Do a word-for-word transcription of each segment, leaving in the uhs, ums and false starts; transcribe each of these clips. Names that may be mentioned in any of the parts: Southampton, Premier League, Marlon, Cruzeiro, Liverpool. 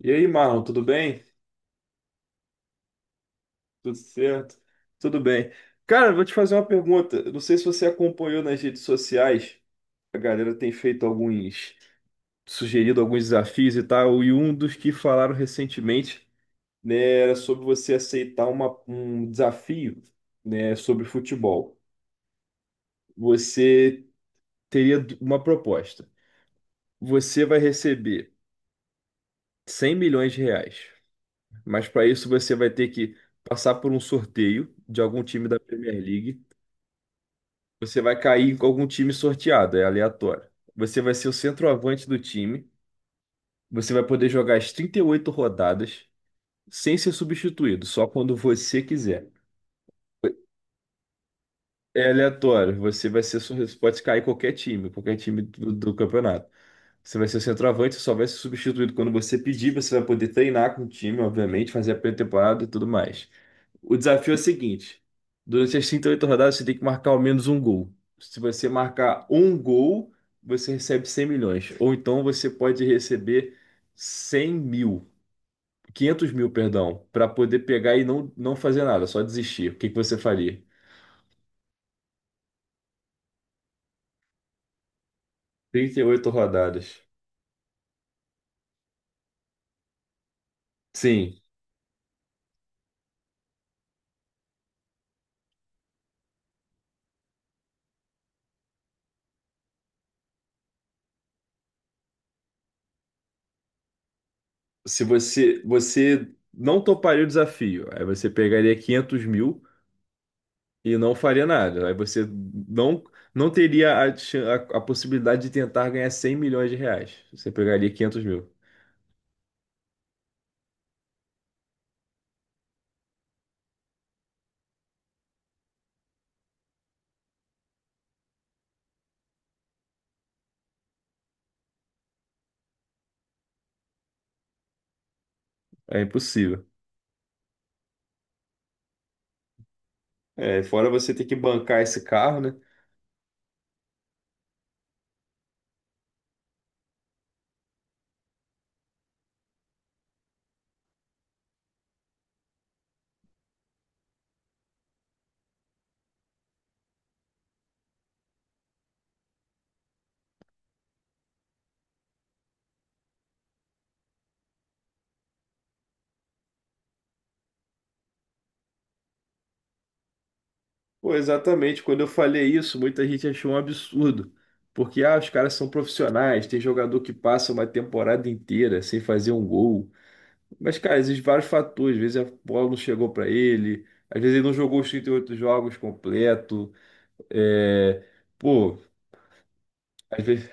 E aí, Marlon, tudo bem? Tudo certo? Tudo bem. Cara, vou te fazer uma pergunta. Eu não sei se você acompanhou nas redes sociais. A galera tem feito alguns, sugerido alguns desafios e tal. E um dos que falaram recentemente, né, era sobre você aceitar uma- um desafio, né, sobre futebol. Você teria uma proposta. Você vai receber cem milhões de reais, mas para isso você vai ter que passar por um sorteio de algum time da Premier League. Você vai cair com algum time sorteado, é aleatório. Você vai ser o centroavante do time. Você vai poder jogar as trinta e oito rodadas sem ser substituído, só quando você quiser. É aleatório. Você vai ser, su- pode cair qualquer time, qualquer time do, do campeonato. Você vai ser o centroavante, só vai ser substituído quando você pedir. Você vai poder treinar com o time, obviamente, fazer a pré-temporada e tudo mais. O desafio é o seguinte: durante as trinta e oito rodadas, você tem que marcar ao menos um gol. Se você marcar um gol, você recebe cem milhões. Ou então você pode receber cem mil, quinhentos mil, perdão, para poder pegar e não, não fazer nada, só desistir. O que que você faria? Trinta e oito rodadas. Sim, se você, você não toparia o desafio, aí você pegaria quinhentos mil e não faria nada. Aí você não, não teria a, chan- a, a possibilidade de tentar ganhar cem milhões de reais. Você pegaria quinhentos mil. É impossível. É, fora você ter que bancar esse carro, né? Pô, exatamente. Quando eu falei isso, muita gente achou um absurdo. Porque, ah, os caras são profissionais, tem jogador que passa uma temporada inteira sem fazer um gol. Mas, cara, existem vários fatores. Às vezes a bola não chegou para ele, às vezes ele não jogou os trinta e oito jogos completo. É, pô, às vezes.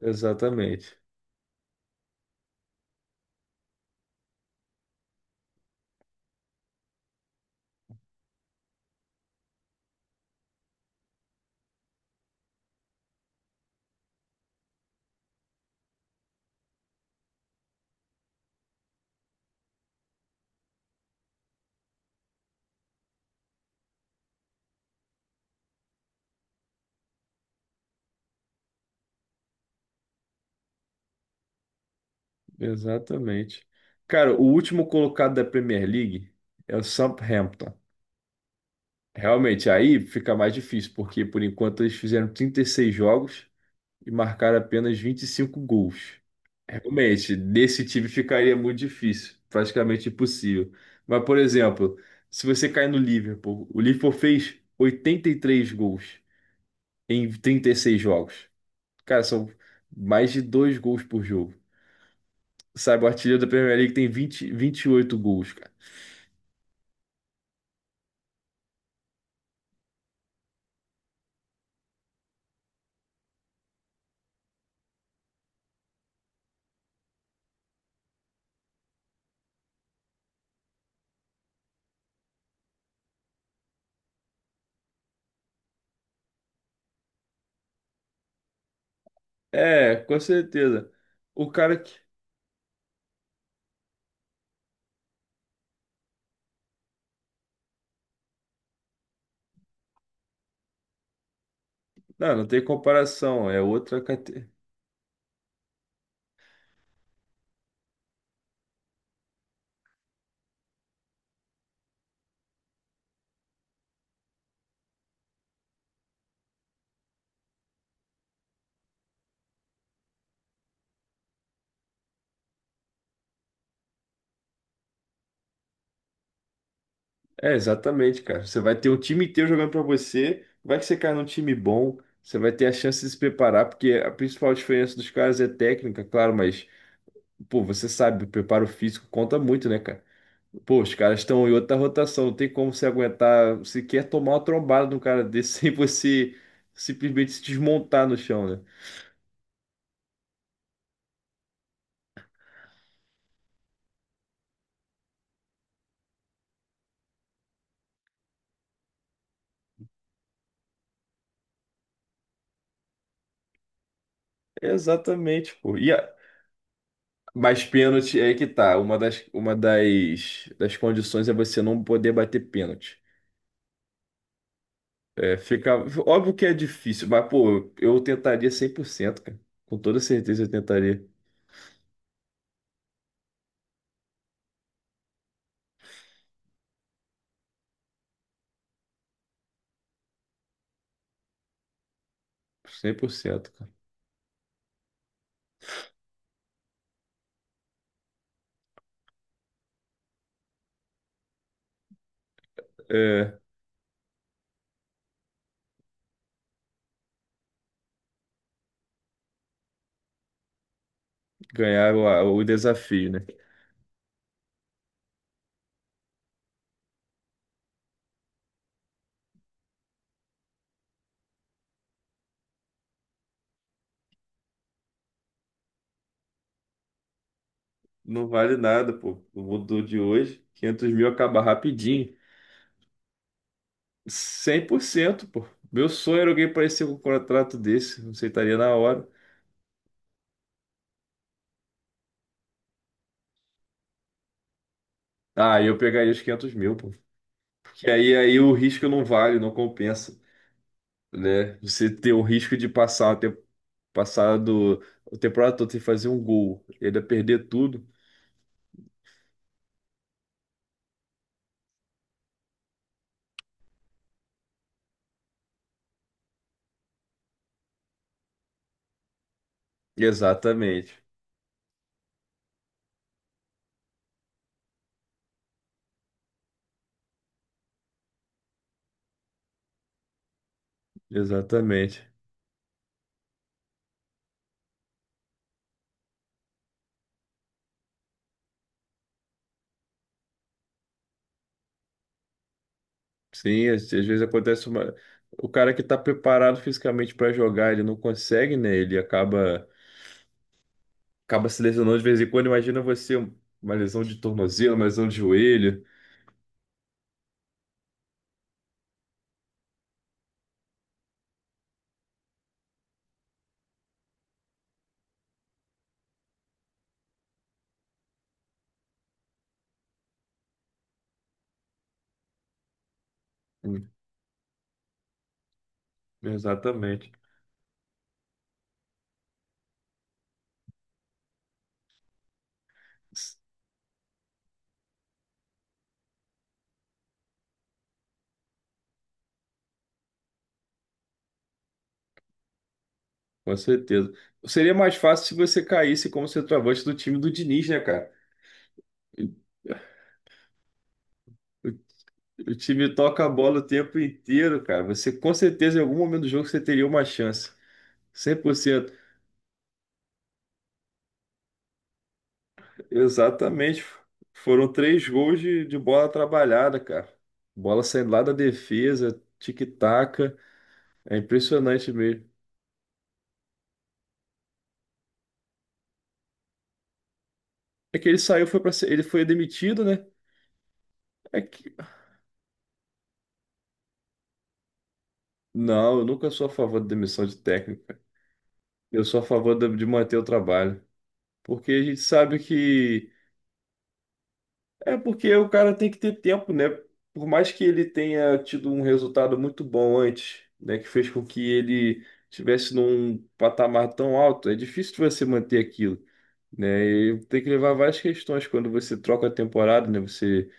Exatamente, exatamente. Cara, o último colocado da Premier League é o Southampton. Realmente, aí fica mais difícil, porque por enquanto eles fizeram trinta e seis jogos e marcaram apenas vinte e cinco gols. Realmente, desse time ficaria muito difícil, praticamente impossível. Mas, por exemplo, se você cair no Liverpool, o Liverpool fez oitenta e três gols em trinta e seis jogos. Cara, são mais de dois gols por jogo. Sabe, o artilheiro da Premier League tem vinte vinte e oito gols, cara. É, com certeza. O cara que. Não, não tem comparação. É outra categoria. É, exatamente, cara. Você vai ter um time inteiro jogando pra você. Vai que você cai num time bom. Você vai ter a chance de se preparar, porque a principal diferença dos caras é técnica, claro, mas, pô, você sabe, o preparo físico conta muito, né, cara? Pô, os caras estão em outra rotação, não tem como você aguentar, você quer tomar uma trombada de um cara desse sem você simplesmente se desmontar no chão, né? Exatamente, pô. E a- Mas pênalti é que tá. Uma das, uma das, das condições é você não poder bater pênalti. É, fica... Óbvio que é difícil, mas, pô, eu tentaria cem por cento, cara. Com toda certeza eu tentaria cem por cento, cara. É, ganhar o, o desafio, né? Não vale nada, pô. O mundo de hoje, quinhentos mil acaba rapidinho. Cem por cento, pô. Meu sonho era alguém parecer com um contrato desse. Aceitaria na hora. Ah, eu pegaria os quinhentos mil, pô. Que aí, aí o risco não vale, não compensa, né? Você ter o risco de passar, ter passado a temporada toda sem fazer um gol, e ainda perder tudo. Exatamente, exatamente. Sim, às, às vezes acontece uma... O cara que tá preparado fisicamente para jogar, ele não consegue, né? Ele acaba, acaba se lesionando de vez em quando. Imagina você, uma lesão de tornozelo, uma lesão de joelho. Hum, Exatamente. Com certeza. Seria mais fácil se você caísse como centroavante do time do Diniz, né, cara? O, o time toca a bola o tempo inteiro, cara. Você com certeza em algum momento do jogo você teria uma chance. Cem por cento. Exatamente. Foram três gols de, de bola trabalhada, cara. Bola saindo lá da defesa, tic-taca. É impressionante mesmo. É que ele saiu, foi para ele foi demitido, né? É que... Não, eu nunca sou a favor da demissão de técnico. Eu sou a favor da- de manter o trabalho. Porque a gente sabe que é porque o cara tem que ter tempo, né? Por mais que ele tenha tido um resultado muito bom antes, né, que fez com que ele estivesse num patamar tão alto, é difícil você manter aquilo, né? E tem que levar várias questões quando você troca a temporada, né? Você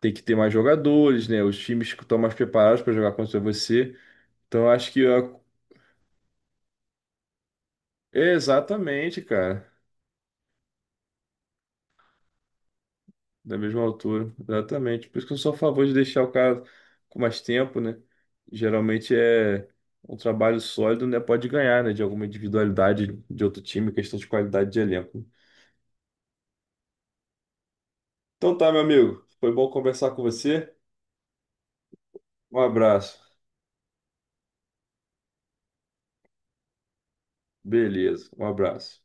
tem que ter mais jogadores, né? Os times que estão mais preparados para jogar contra você. Então acho que a- é exatamente, cara. Da mesma altura, exatamente. Por isso que eu sou a favor de deixar o cara com mais tempo, né? Geralmente é um trabalho sólido, né? Pode ganhar, né? De alguma individualidade de outro time, questão de qualidade de elenco. Então tá, meu amigo. Foi bom conversar com você. Um abraço. Beleza, um abraço.